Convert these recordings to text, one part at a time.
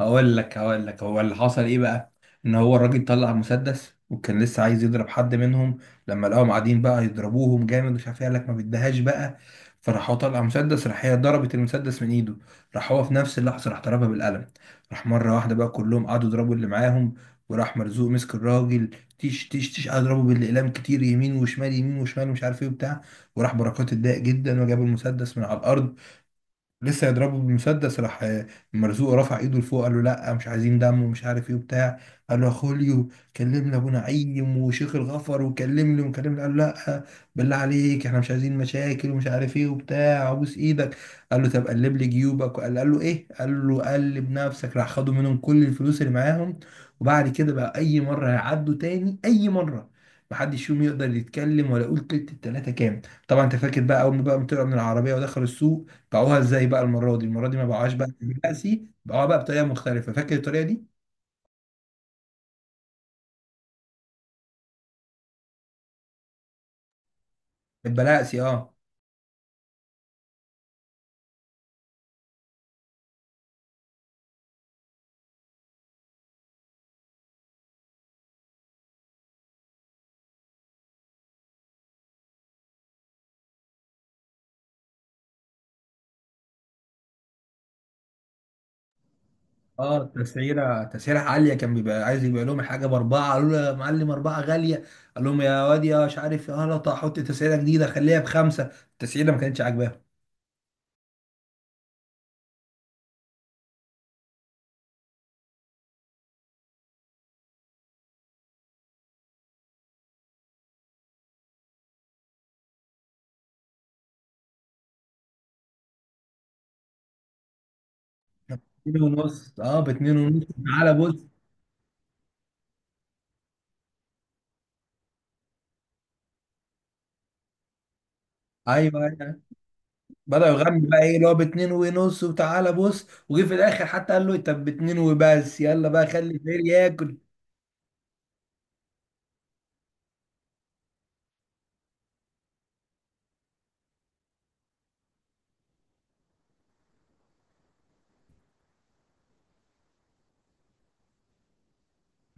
هقول لك هو اللي حصل ايه بقى. ان هو الراجل طلع مسدس وكان لسه عايز يضرب حد منهم لما لقاهم قاعدين بقى يضربوهم جامد، مش عارف ايه. قال لك ما بيديهاش بقى. فراح هو طلع مسدس، راح هي ضربت المسدس من ايده، راح هو في نفس اللحظه راح ضربها بالقلم. راح مره واحده بقى كلهم قعدوا يضربوا اللي معاهم، وراح مرزوق مسك الراجل. تيش تيش تيش، قعد يضربه بالاقلام كتير، يمين وشمال يمين وشمال، ومش عارف ايه وبتاع. وراح بركات اتضايق جدا وجاب المسدس من على الارض، لسه يضربه بالمسدس، راح مرزوق رفع ايده لفوق، قال له لا مش عايزين دم ومش عارف ايه وبتاع. قال له يا خوليو، كلمنا ابو نعيم وشيخ الغفر وكلمني وكلمني. قال له لا، بالله عليك احنا مش عايزين مشاكل ومش عارف ايه وبتاع، ابوس ايدك. قال له طب قلب لي جيوبك. قال له ايه؟ قال له قلب نفسك. راح خدوا منهم كل الفلوس اللي معاهم. وبعد كده بقى اي مره هيعدوا تاني اي مره محدش فيهم يقدر يتكلم ولا يقول كلمة. التلاتة كام؟ طبعا انت فاكر بقى اول ما بقى طلعوا من العربية ودخلوا السوق باعوها ازاي بقى. المره دي ما باعوهاش بقى بلقسي، باعوها بقى بطريقه مختلفه. فاكر الطريقه دي؟ البلاقسي، اه. اه، تسعيره عاليه. كان بيبقى عايز يبيع لهم الحاجه باربعه، قالوا له يا معلم اربعه غاليه. قال لهم يا واد يا مش عارف يا غلط، هحط تسعيره جديده خليها بخمسه. التسعيره ما كانتش عاجباهم. اتنين ونص، اه، باتنين ونص تعالى بص. ايوه، ايوه. بدأوا يغنوا بقى، ايه اللي هو باتنين ونص وتعالى بص، وجه في الاخر حتى قال له إيه، طب باتنين وبس يلا بقى خلي الفقير ياكل.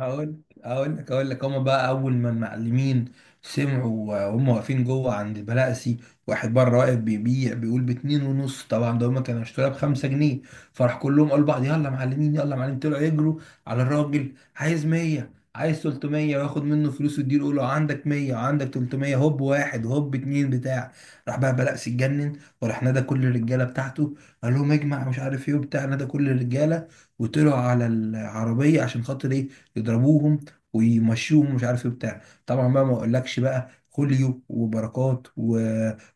هقول لك. هما بقى اول ما المعلمين سمعوا وهم واقفين جوه عند البلاسي، واحد بره واقف بيبيع بيقول باتنين ونص، طبعا ده هما كانوا اشتروها بخمسة جنيه. فراح كلهم قالوا لبعض يلا معلمين يلا معلمين، طلعوا يجروا على الراجل، عايز 100 عايز 300 وياخد منه فلوس ويديله، يقول له عندك 100 وعندك 300، هوب واحد هوب اتنين بتاع. راح بقى بلقس اتجنن، وراح نادى كل الرجاله بتاعته، قال لهم اجمع مش عارف ايه وبتاع، نادى كل الرجاله وطلعوا على العربيه عشان خاطر ايه، يضربوهم ويمشوهم مش عارف ايه بتاع. طبعا بقى ما اقولكش بقى خوليو وبركات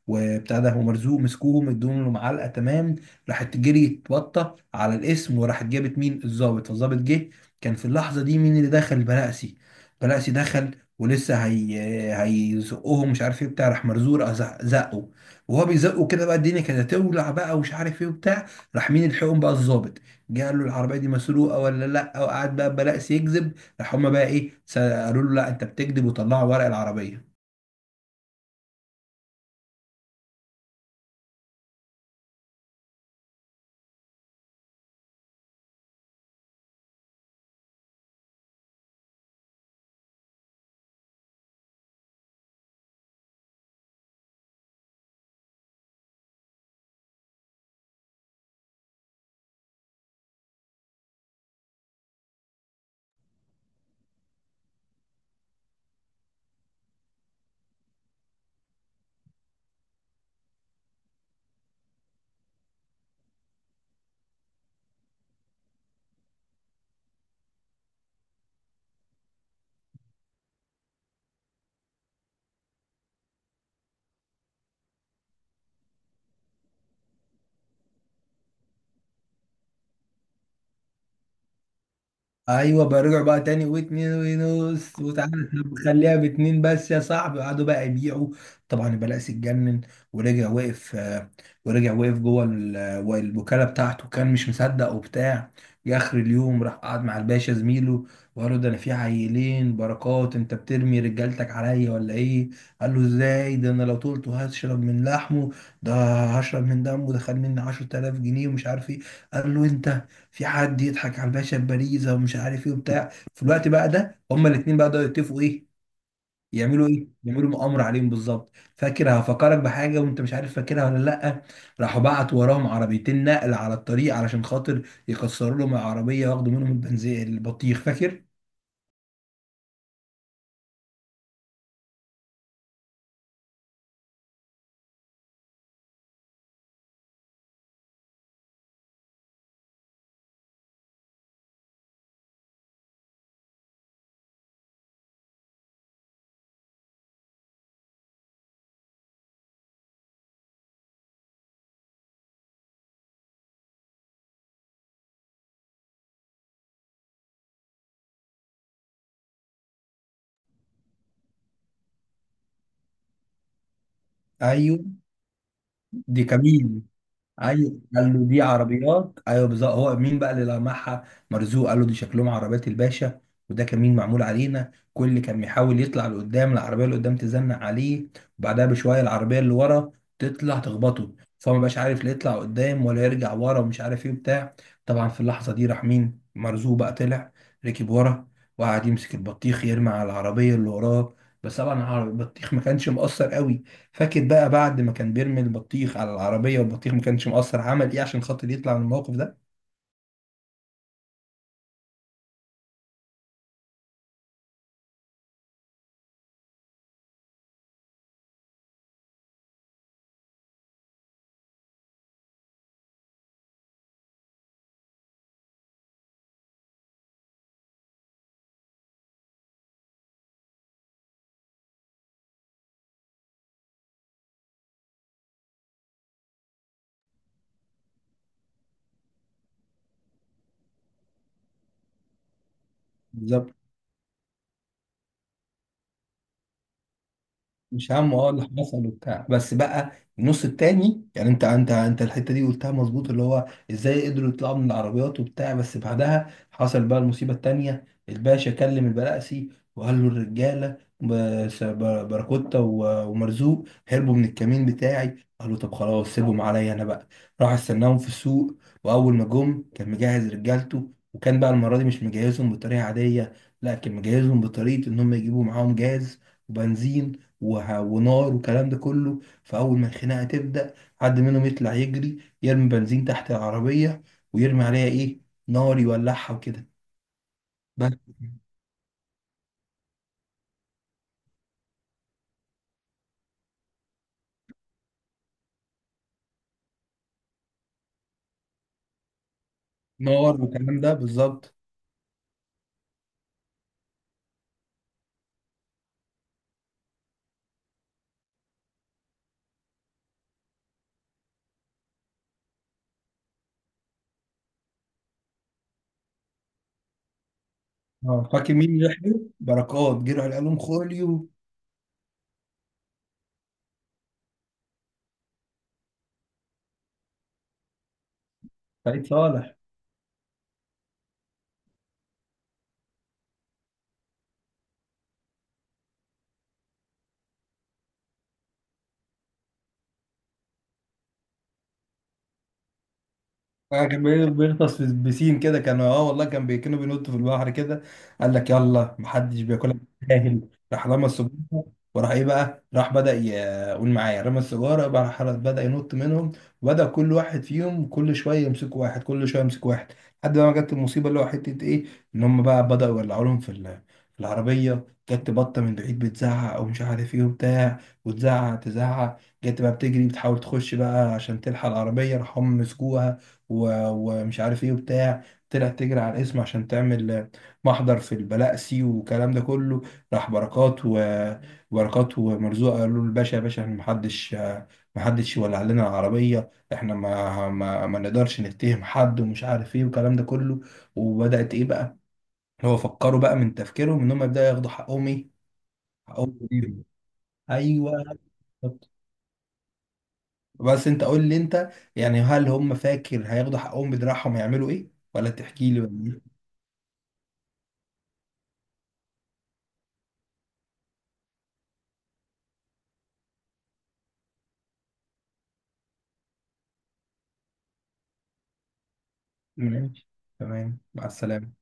وبتاع ده ومرزوق مسكوهم ادوهم له معلقه تمام. راحت جري اتبطه على الاسم وراحت جابت مين، الضابط. فالضابط جه، كان في اللحظه دي مين اللي دخل؟ بلاقسي. بلاقسي دخل ولسه هي هيزقهم مش عارف ايه بتاع، راح مرزوق راح زقه، وهو بيزقه كده بقى الدنيا كانت هتولع بقى ومش عارف ايه وبتاع. راح مين الحقهم بقى؟ الضابط. جه قال له العربيه دي مسروقه ولا لا، وقعد بقى بلاقسي يكذب. راح هم بقى ايه قالوا له لا انت بتكذب، وطلعوا ورق العربيه. ايوه، برجع بقى تاني، واتنين ونص وتعالى. طب خليها باتنين بس يا صاحبي، قعدوا بقى يبيعوا. طبعا البلاقي اتجنن، ورجع وقف، ورجع وقف جوه الوكاله بتاعته، كان مش مصدق وبتاع. جه اخر اليوم راح قعد مع الباشا زميله، وقال له ده انا في عيلين بركات انت بترمي رجالتك عليا ولا ايه؟ قال له ازاي، ده انا لو طولته هشرب من لحمه، ده هشرب من دمه، ده خد مني 10,000 جنيه ومش عارف ايه. قال له انت، في حد يضحك على الباشا بباريزا ومش عارف ايه وبتاع؟ في الوقت بقى ده هما الاثنين بقى بدأوا يتفقوا ايه يعملوا، ايه يعملوا مؤامره عليهم بالظبط. فاكر، هفكرك بحاجه وانت مش عارف فاكرها ولا لا، راحوا بعت وراهم عربيتين نقل على الطريق علشان خاطر يكسروا لهم العربيه وياخدوا منهم البنزين البطيخ. فاكر؟ ايوه، دي كمين. ايوه قال له دي عربيات، ايوه بالظبط. هو مين بقى اللي لمعها؟ مرزوق. قال له دي شكلهم عربيات الباشا، وده كمين معمول علينا. كل اللي كان بيحاول يطلع لقدام، العربيه اللي قدام تزنق عليه، وبعدها بشويه العربيه اللي ورا تطلع تخبطه، فهو ما بقاش عارف لا يطلع قدام ولا يرجع ورا ومش عارف ايه وبتاع. طبعا في اللحظه دي راح مين؟ مرزوق بقى طلع ركب ورا، وقعد يمسك البطيخ يرمي على العربيه اللي وراه، بس طبعا البطيخ ما كانش مؤثر قوي. فاكر بقى بعد ما كان بيرمي البطيخ على العربية والبطيخ ما كانش مقصر، عمل ايه عشان خاطر يطلع من الموقف ده؟ بالظبط. مش همه، اه، اللي حصل وبتاع، بس بقى النص التاني يعني انت انت انت الحته دي قلتها مظبوط، اللي هو ازاي قدروا يطلعوا من العربيات وبتاع. بس بعدها حصل بقى المصيبه التانيه، الباشا كلم البلقسي وقال له الرجاله باراكوتا ومرزوق هربوا من الكمين بتاعي. قال له طب خلاص سيبهم عليا انا بقى، راح استناهم في السوق، واول ما جم كان مجهز رجالته، وكان بقى المره دي مش مجهزهم بطريقه عاديه، لا، كان مجهزهم بطريقه ان هم يجيبوا معاهم جاز وبنزين ونار والكلام ده كله. فأول ما الخناقة تبدأ حد منهم يطلع يجري يرمي بنزين تحت العربية، ويرمي عليها إيه، نار، يولعها وكده، بس. نار والكلام ده بالظبط. اه فاكر مين اللي لحقه؟ بركات جه راح قال لهم خوليو. سعيد صالح. كان بيغطس في بسين كده، كان اه والله، كان كانوا بينطوا في البحر كده. قال لك يلا محدش بياكلها جاهل، راح رمى السجارة، وراح ايه بقى راح بدأ قول معايا، رمى السجارة بقى راح بدأ ينط منهم، وبدأ كل واحد فيهم كل شوية يمسك واحد كل شوية يمسك واحد، لحد ما جت المصيبة اللي هو حتة ايه، ان هم بقى بدأوا يولعوا لهم في في العربية. جت بطة من بعيد بتزعق او مش عارف ايه وبتاع، وتزعق تزعق، جت بقى بتجري بتحاول تخش بقى عشان تلحق العربية، راح هم مسكوها ومش عارف ايه وبتاع. طلعت تجري على الاسم عشان تعمل محضر في البلقسي والكلام ده كله. راح بركات وبركات ومرزوق قالوا له الباشا، يا باشا احنا محدش، محدش يولع لنا العربية، احنا ما نقدرش نتهم حد ومش عارف ايه والكلام ده كله. وبدأت ايه بقى، هو فكروا بقى من تفكيرهم ان هم يبدأوا ياخدوا حقهم ايه. حقهم بالإيد. ايوه. بالظبط. بس انت قول لي انت، يعني هل هم فاكر هياخدوا حقهم بدراعهم هيعملوا ايه، ولا تحكي لي ولا؟ ماشي. تمام، مع السلامة.